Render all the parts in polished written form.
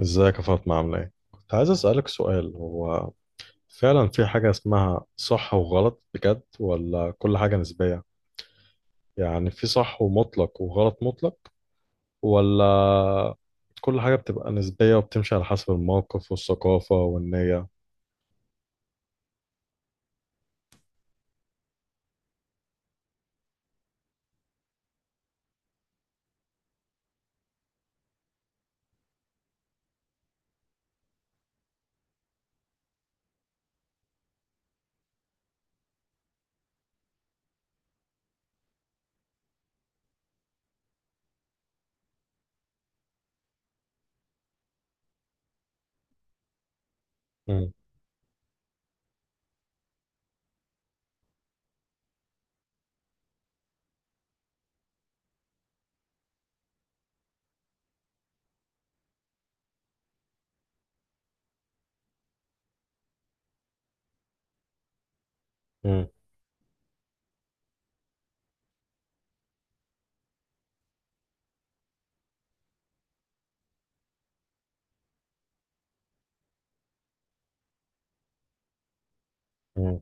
ازيك يا فاطمة؟ عاملة ايه؟ كنت عايز اسألك سؤال. هو فعلا في حاجة اسمها صح وغلط بجد، ولا كل حاجة نسبية؟ يعني في صح ومطلق وغلط مطلق، ولا كل حاجة بتبقى نسبية وبتمشي على حسب الموقف والثقافة والنية؟ مم. مم. مم.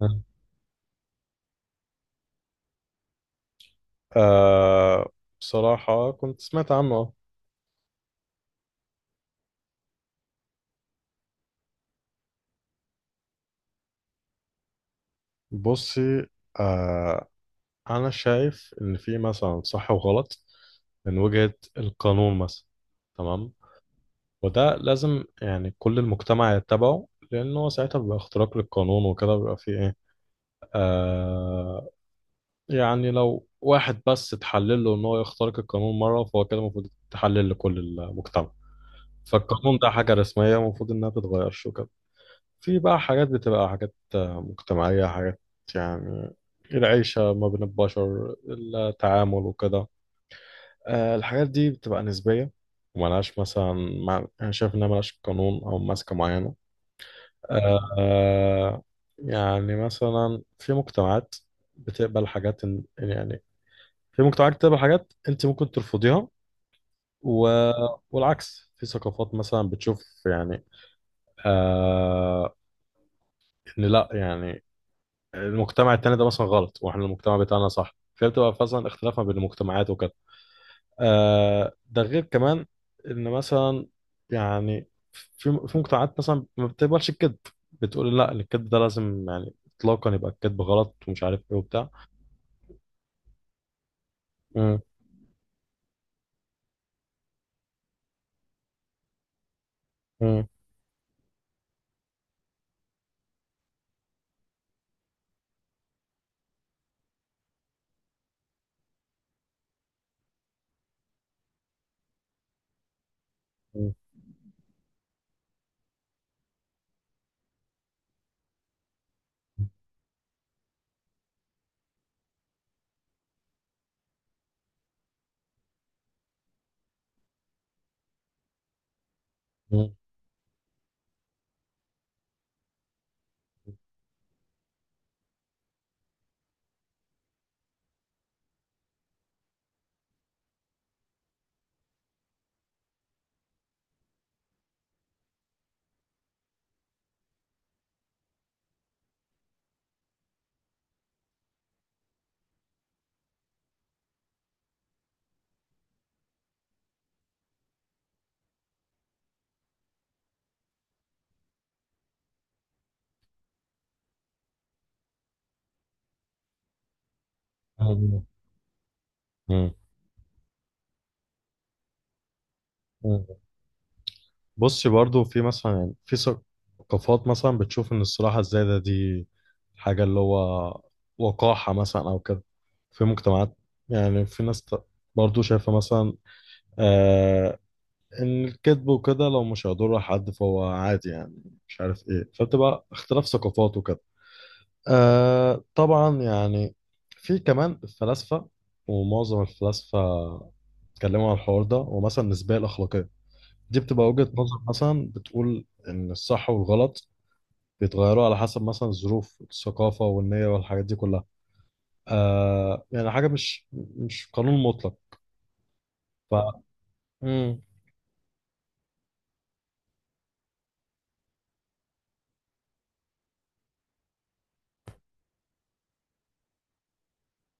مم. آه، بصراحة كنت سمعت عنه. بصي، آه أنا شايف إن في مثلا صح وغلط من وجهة القانون مثلا، تمام؟ وده لازم يعني كل المجتمع يتبعه، لأنه ساعتها بيبقى اختراق للقانون وكده بيبقى فيه إيه. آه يعني لو واحد بس اتحلل له إن هو يخترق القانون مرة، فهو كده المفروض يتحلل لكل المجتمع. فالقانون ده حاجة رسمية المفروض إنها بتتغيرش وكده. في بقى حاجات بتبقى حاجات مجتمعية، حاجات يعني العيشة ما بين البشر، التعامل وكده. الحاجات دي بتبقى نسبية وملهاش مثلا. أنا شايف إنها ملهاش قانون أو ماسكة معينة. آه يعني مثلا في مجتمعات بتقبل حاجات يعني في مجتمعات بتقبل حاجات انت ممكن ترفضيها و... والعكس، في ثقافات مثلا بتشوف يعني آه ان لا يعني المجتمع التاني ده مثلا غلط واحنا المجتمع بتاعنا صح، فهي بتبقى مثلا اختلاف ما بين المجتمعات وكده. ده غير كمان ان مثلا يعني في مجتمعات مثلا ما بتقبلش الكذب، بتقول لا إن الكذب ده لازم يعني اطلاقا يبقى الكذب غلط، ومش عارف ايه وبتاع. مم، مم، مم، مم، مم، مم، مم. بصي، برضو في مثلا يعني في ثقافات مثلا بتشوف ان الصراحة الزايدة دي حاجة اللي هو وقاحة مثلا او كده، في مجتمعات، يعني في ناس برضو شايفة مثلا آه، الكذب وكده لو مش هيضر حد فهو عادي، يعني مش عارف ايه. فبتبقى اختلاف ثقافات وكده. آه، طبعا يعني في كمان الفلاسفة، ومعظم الفلاسفة اتكلموا عن الحوار ده، ومثلا النسبية الأخلاقية دي بتبقى وجهة نظر مثلا بتقول إن الصح والغلط بيتغيروا على حسب مثلا الظروف، الثقافة والنية والحاجات دي كلها. يعني حاجة مش قانون مطلق. ف مم.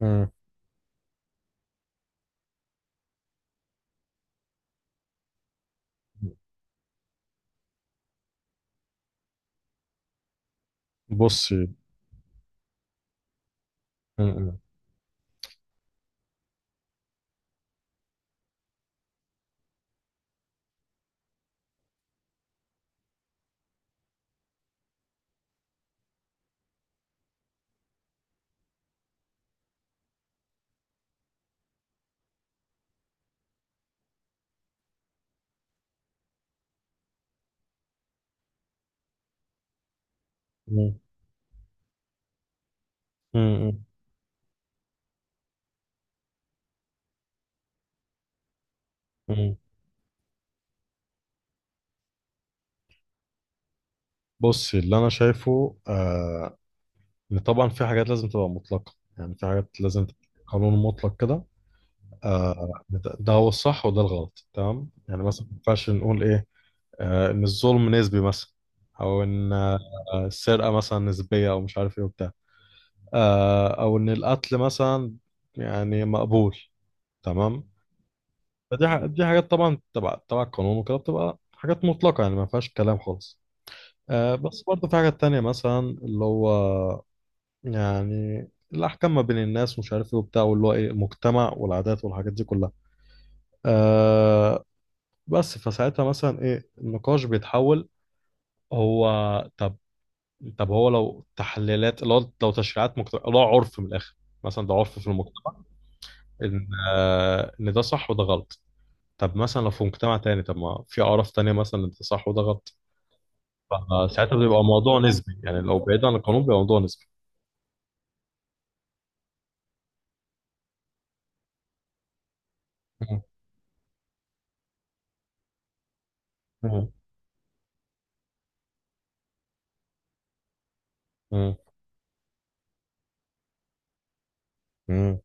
مم. بصي. مم. مم. مم. مم. بص، اللي انا شايفه ان طبعا في حاجات لازم تبقى مطلقه، يعني في حاجات لازم تبقى قانون مطلق كده. ده هو الصح وده الغلط، تمام؟ يعني مثلا ما ينفعش نقول ايه، ان الظلم نسبي مثلا، او ان السرقه مثلا نسبيه، او مش عارف ايه وبتاع، او ان القتل مثلا يعني مقبول، تمام. دي حاجات طبعا تبع القانون وكده بتبقى حاجات مطلقه، يعني ما فيهاش كلام خالص. بس برضه في حاجات تانية مثلا اللي هو يعني الأحكام ما بين الناس، ومش عارف إيه وبتاع، واللي هو إيه، مجتمع، والعادات والحاجات دي كلها. آه بس فساعتها مثلا إيه، النقاش بيتحول. هو، طب، طب هو لو تحليلات، لو تشريعات مجتمع، لو عرف من الآخر، مثلا ده عرف في المجتمع إن ده صح وده غلط. طب مثلا لو في مجتمع تاني، طب ما في أعراف تانية مثلا إن ده صح وده غلط. فساعتها بيبقى موضوع نسبي، يعني لو بعيد عن القانون بيبقى موضوع نسبي. مم. مم. مم.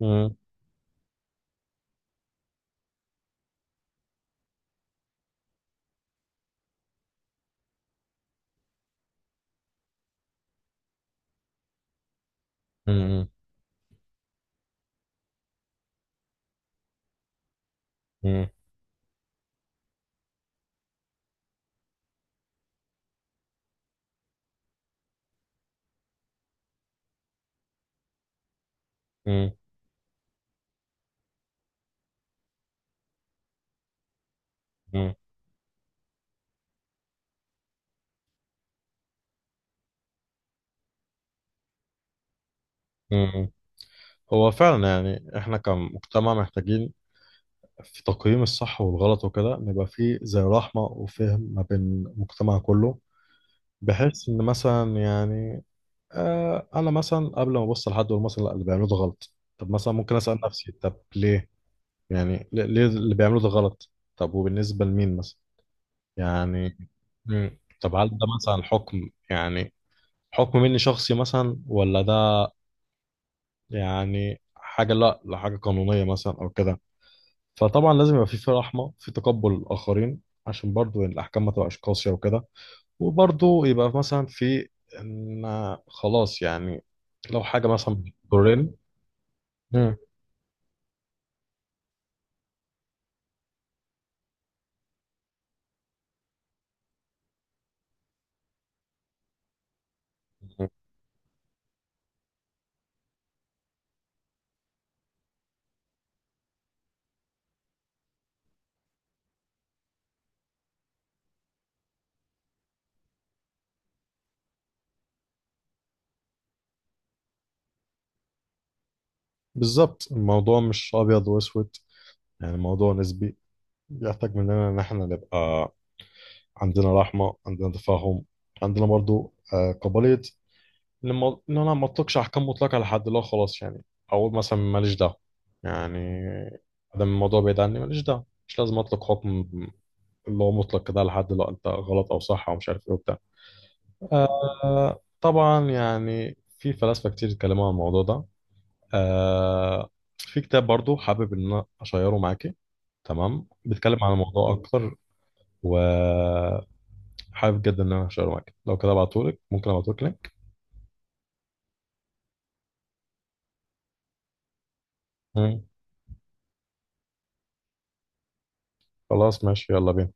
مم. مم. مم. مم. مم. هو فعلا يعني احنا كمجتمع محتاجين في تقييم الصح والغلط وكده نبقى فيه زي رحمة وفهم ما بين المجتمع كله، بحيث ان مثلا يعني انا مثلا قبل ما ابص لحد واقول مثلا لا اللي بيعملوه ده غلط، طب مثلا ممكن اسأل نفسي طب ليه؟ يعني ليه اللي بيعملوه ده غلط، طب وبالنسبة لمين مثلا؟ يعني مم. طب هل ده مثلا حكم، يعني حكم مني شخصي مثلا، ولا ده يعني حاجة، لا لحاجة قانونية مثلا أو كده؟ فطبعا لازم يبقى في رحمة، في تقبل الآخرين، عشان برضو الأحكام ما تبقاش قاسية وكده. وبرضو يبقى مثلا في إن خلاص يعني لو حاجة مثلا بتضرني. مم. بالظبط، الموضوع مش أبيض وأسود، يعني الموضوع نسبي، بيحتاج مننا إن إحنا نبقى عندنا رحمة، عندنا تفاهم، عندنا برضو قابلية لما ان انا ما اطلقش احكام مطلقه لحد. لا خلاص، يعني اقول مثلا ماليش دعوه، يعني ادام الموضوع بعيد عني ماليش دعوه، مش لازم اطلق حكم اللي هو مطلق ده لحد. لا، انت غلط او صح او مش عارف ايه وبتاع. طبعا يعني في فلاسفه كتير اتكلموا عن الموضوع ده. آه في كتاب برضو حابب ان انا اشيره معاكي، تمام، بيتكلم عن الموضوع اكتر. وحابب جدا ان انا اشيره معاكي، لو كده ابعتهولك، ممكن ابعتهولك لينك. مم. خلاص ماشي، يلا بينا.